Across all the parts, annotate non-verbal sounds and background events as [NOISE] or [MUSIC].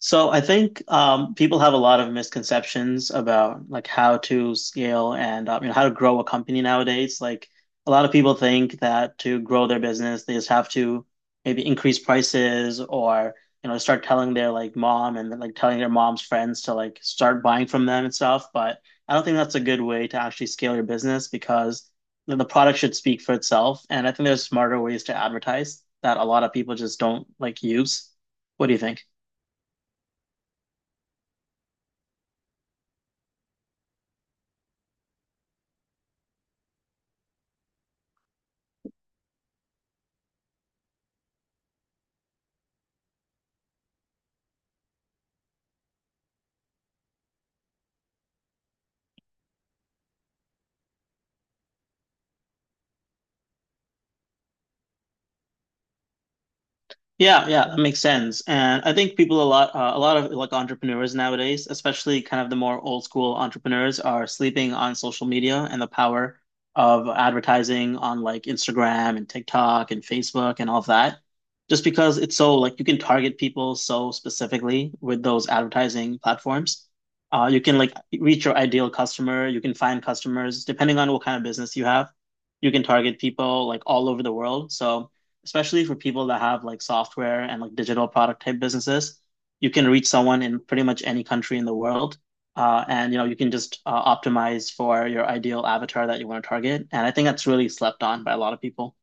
So I think people have a lot of misconceptions about like how to scale and how to grow a company nowadays. Like a lot of people think that to grow their business, they just have to maybe increase prices or start telling their like mom and like telling their mom's friends to like start buying from them and stuff. But I don't think that's a good way to actually scale your business because the product should speak for itself. And I think there's smarter ways to advertise that a lot of people just don't like use. What do you think? Yeah, yeah, that makes sense. And I think people a lot of like entrepreneurs nowadays, especially kind of the more old school entrepreneurs, are sleeping on social media and the power of advertising on like Instagram and TikTok and Facebook and all of that. Just because it's so like you can target people so specifically with those advertising platforms. You can like reach your ideal customer. You can find customers depending on what kind of business you have. You can target people like all over the world. So especially for people that have like software and like digital product type businesses, you can reach someone in pretty much any country in the world. And you can just optimize for your ideal avatar that you want to target, and I think that's really slept on by a lot of people.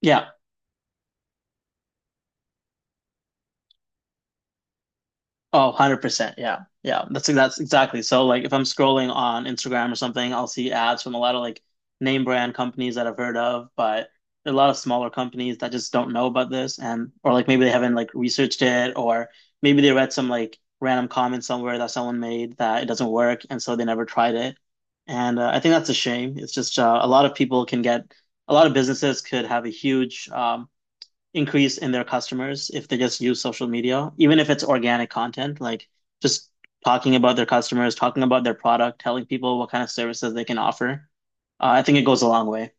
Yeah. Oh, 100%. Yeah. Yeah. That's exactly. So like if I'm scrolling on Instagram or something, I'll see ads from a lot of like name brand companies that I've heard of, but there are a lot of smaller companies that just don't know about this and or like maybe they haven't like researched it or maybe they read some like random comment somewhere that someone made that it doesn't work and so they never tried it. And I think that's a shame. It's just a lot of people can get, a lot of businesses could have a huge increase in their customers if they just use social media, even if it's organic content, like just talking about their customers, talking about their product, telling people what kind of services they can offer. I think it goes a long way.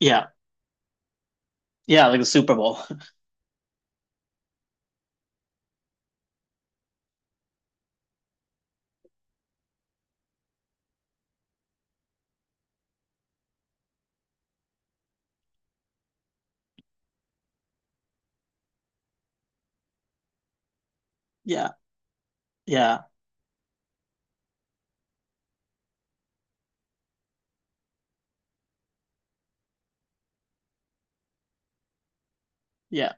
Yeah. Yeah. Like the Super Bowl. [LAUGHS] Yeah. Yeah. Yeah.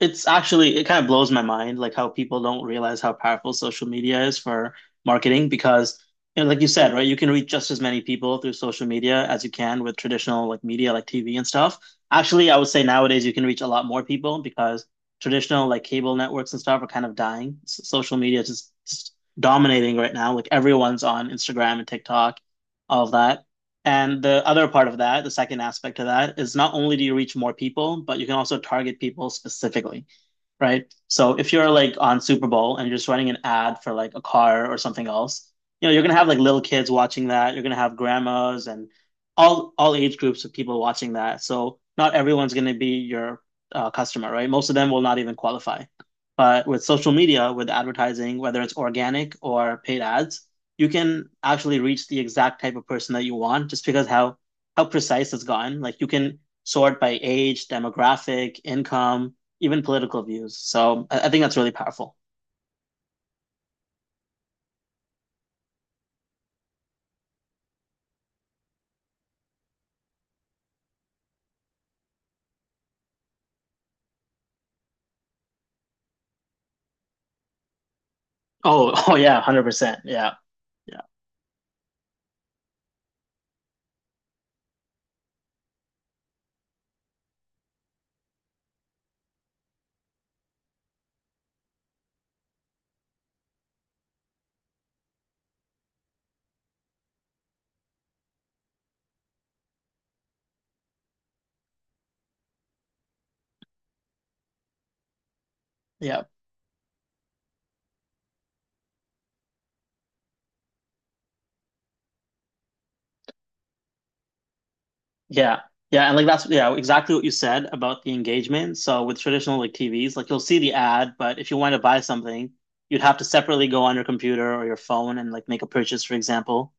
It's actually, it kind of blows my mind, like how people don't realize how powerful social media is for marketing because, like you said, right, you can reach just as many people through social media as you can with traditional like media, like TV and stuff. Actually, I would say nowadays you can reach a lot more people because traditional like cable networks and stuff are kind of dying. S Social media is just dominating right now. Like everyone's on Instagram and TikTok, all of that. And the other part of that, the second aspect of that, is not only do you reach more people, but you can also target people specifically, right? So if you're like on Super Bowl and you're just running an ad for like a car or something else, you're gonna have like little kids watching that. You're gonna have grandmas and all age groups of people watching that. So not everyone's gonna be your customer, right? Most of them will not even qualify. But with social media, with advertising, whether it's organic or paid ads, you can actually reach the exact type of person that you want just because how precise it's gotten. Like you can sort by age, demographic, income, even political views. So I think that's really powerful. Oh, [LAUGHS] oh yeah, 100%. Yeah. Yeah. Yeah. Yeah. Yeah. And like that's yeah, exactly what you said about the engagement. So with traditional like TVs, like you'll see the ad, but if you want to buy something, you'd have to separately go on your computer or your phone and like make a purchase, for example.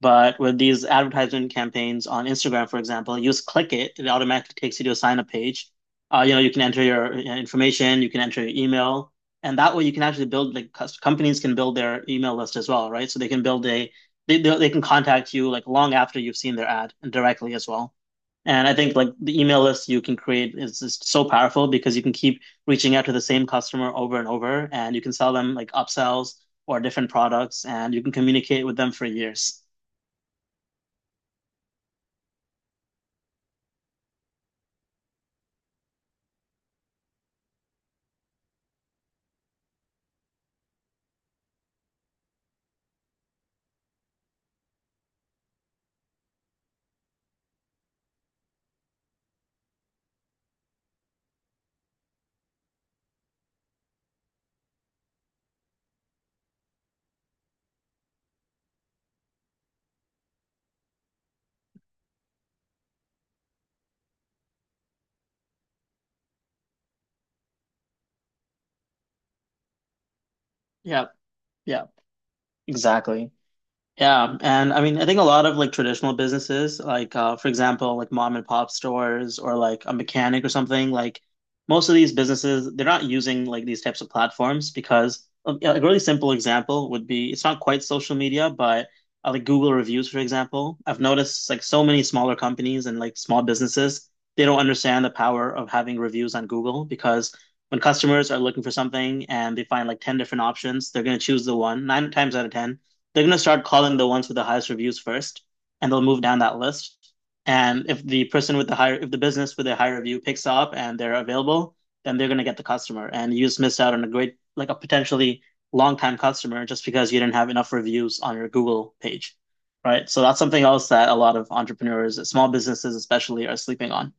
But with these advertisement campaigns on Instagram, for example, you just click it, it automatically takes you to a sign up page. You can enter your information, you can enter your email, and that way you can actually build like companies can build their email list as well, right? So they can build a they can contact you like long after you've seen their ad and directly as well. And I think like the email list you can create is just so powerful because you can keep reaching out to the same customer over and over, and you can sell them like upsells or different products, and you can communicate with them for years. Yeah, yeah, exactly. Yeah, and I mean, I think a lot of like traditional businesses, like for example, like mom and pop stores or like a mechanic or something, like most of these businesses, they're not using like these types of platforms because yeah, a really simple example would be it's not quite social media, but like Google reviews, for example. I've noticed like so many smaller companies and like small businesses, they don't understand the power of having reviews on Google because when customers are looking for something and they find like 10 different options, they're going to choose the one, nine times out of 10, they're going to start calling the ones with the highest reviews first, and they'll move down that list. And if the person with the higher, if the business with a higher review picks up and they're available, then they're going to get the customer. And you just missed out on a great, like a potentially long time customer just because you didn't have enough reviews on your Google page. Right. So that's something else that a lot of entrepreneurs, small businesses especially, are sleeping on.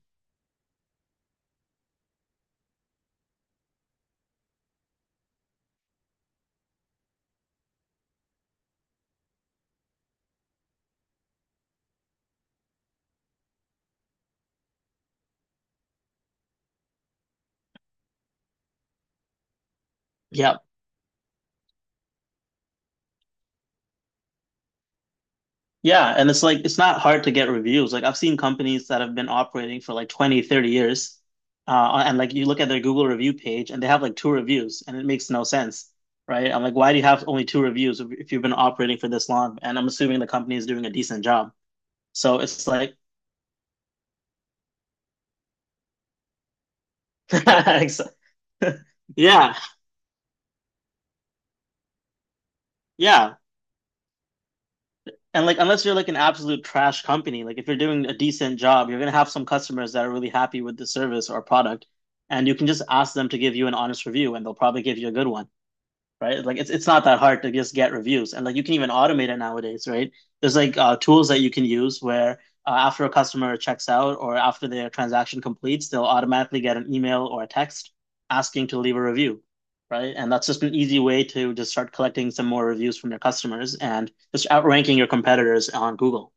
Yeah. Yeah, and it's like it's not hard to get reviews. Like I've seen companies that have been operating for like 20, 30 years, and like you look at their Google review page and they have like two reviews and it makes no sense, right? I'm like, why do you have only two reviews if you've been operating for this long? And I'm assuming the company is doing a decent job. So it's like, [LAUGHS] ex- yeah, yeah. And like unless you're like an absolute trash company, like if you're doing a decent job, you're gonna have some customers that are really happy with the service or product, and you can just ask them to give you an honest review and they'll probably give you a good one. Right? Like it's not that hard to just get reviews, and like you can even automate it nowadays, right? There's like tools that you can use where after a customer checks out or after their transaction completes, they'll automatically get an email or a text asking to leave a review, right? And that's just an easy way to just start collecting some more reviews from your customers and just outranking your competitors on Google.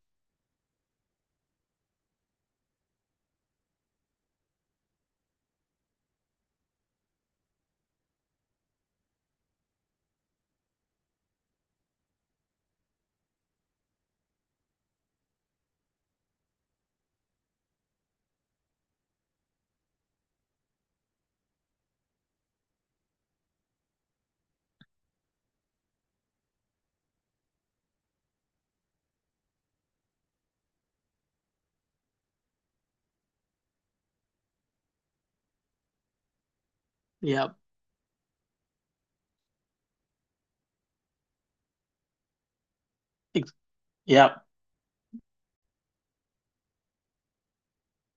Yeah, yeah,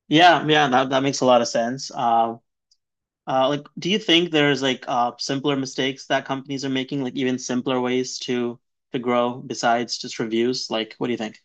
yeah, yeah. That makes a lot of sense. Like, do you think there's like simpler mistakes that companies are making, like even simpler ways to grow besides just reviews? Like, what do you think?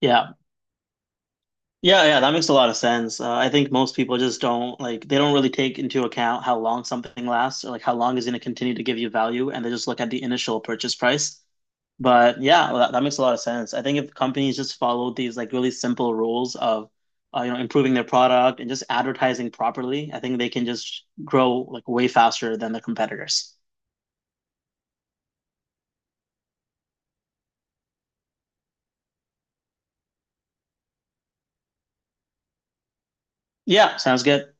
Yeah. Yeah, yeah, that makes a lot of sense. I think most people just don't like they don't really take into account how long something lasts or like how long is going to continue to give you value, and they just look at the initial purchase price. But yeah, well, that makes a lot of sense. I think if companies just followed these like really simple rules of improving their product and just advertising properly, I think they can just grow like way faster than their competitors. Yeah, sounds good.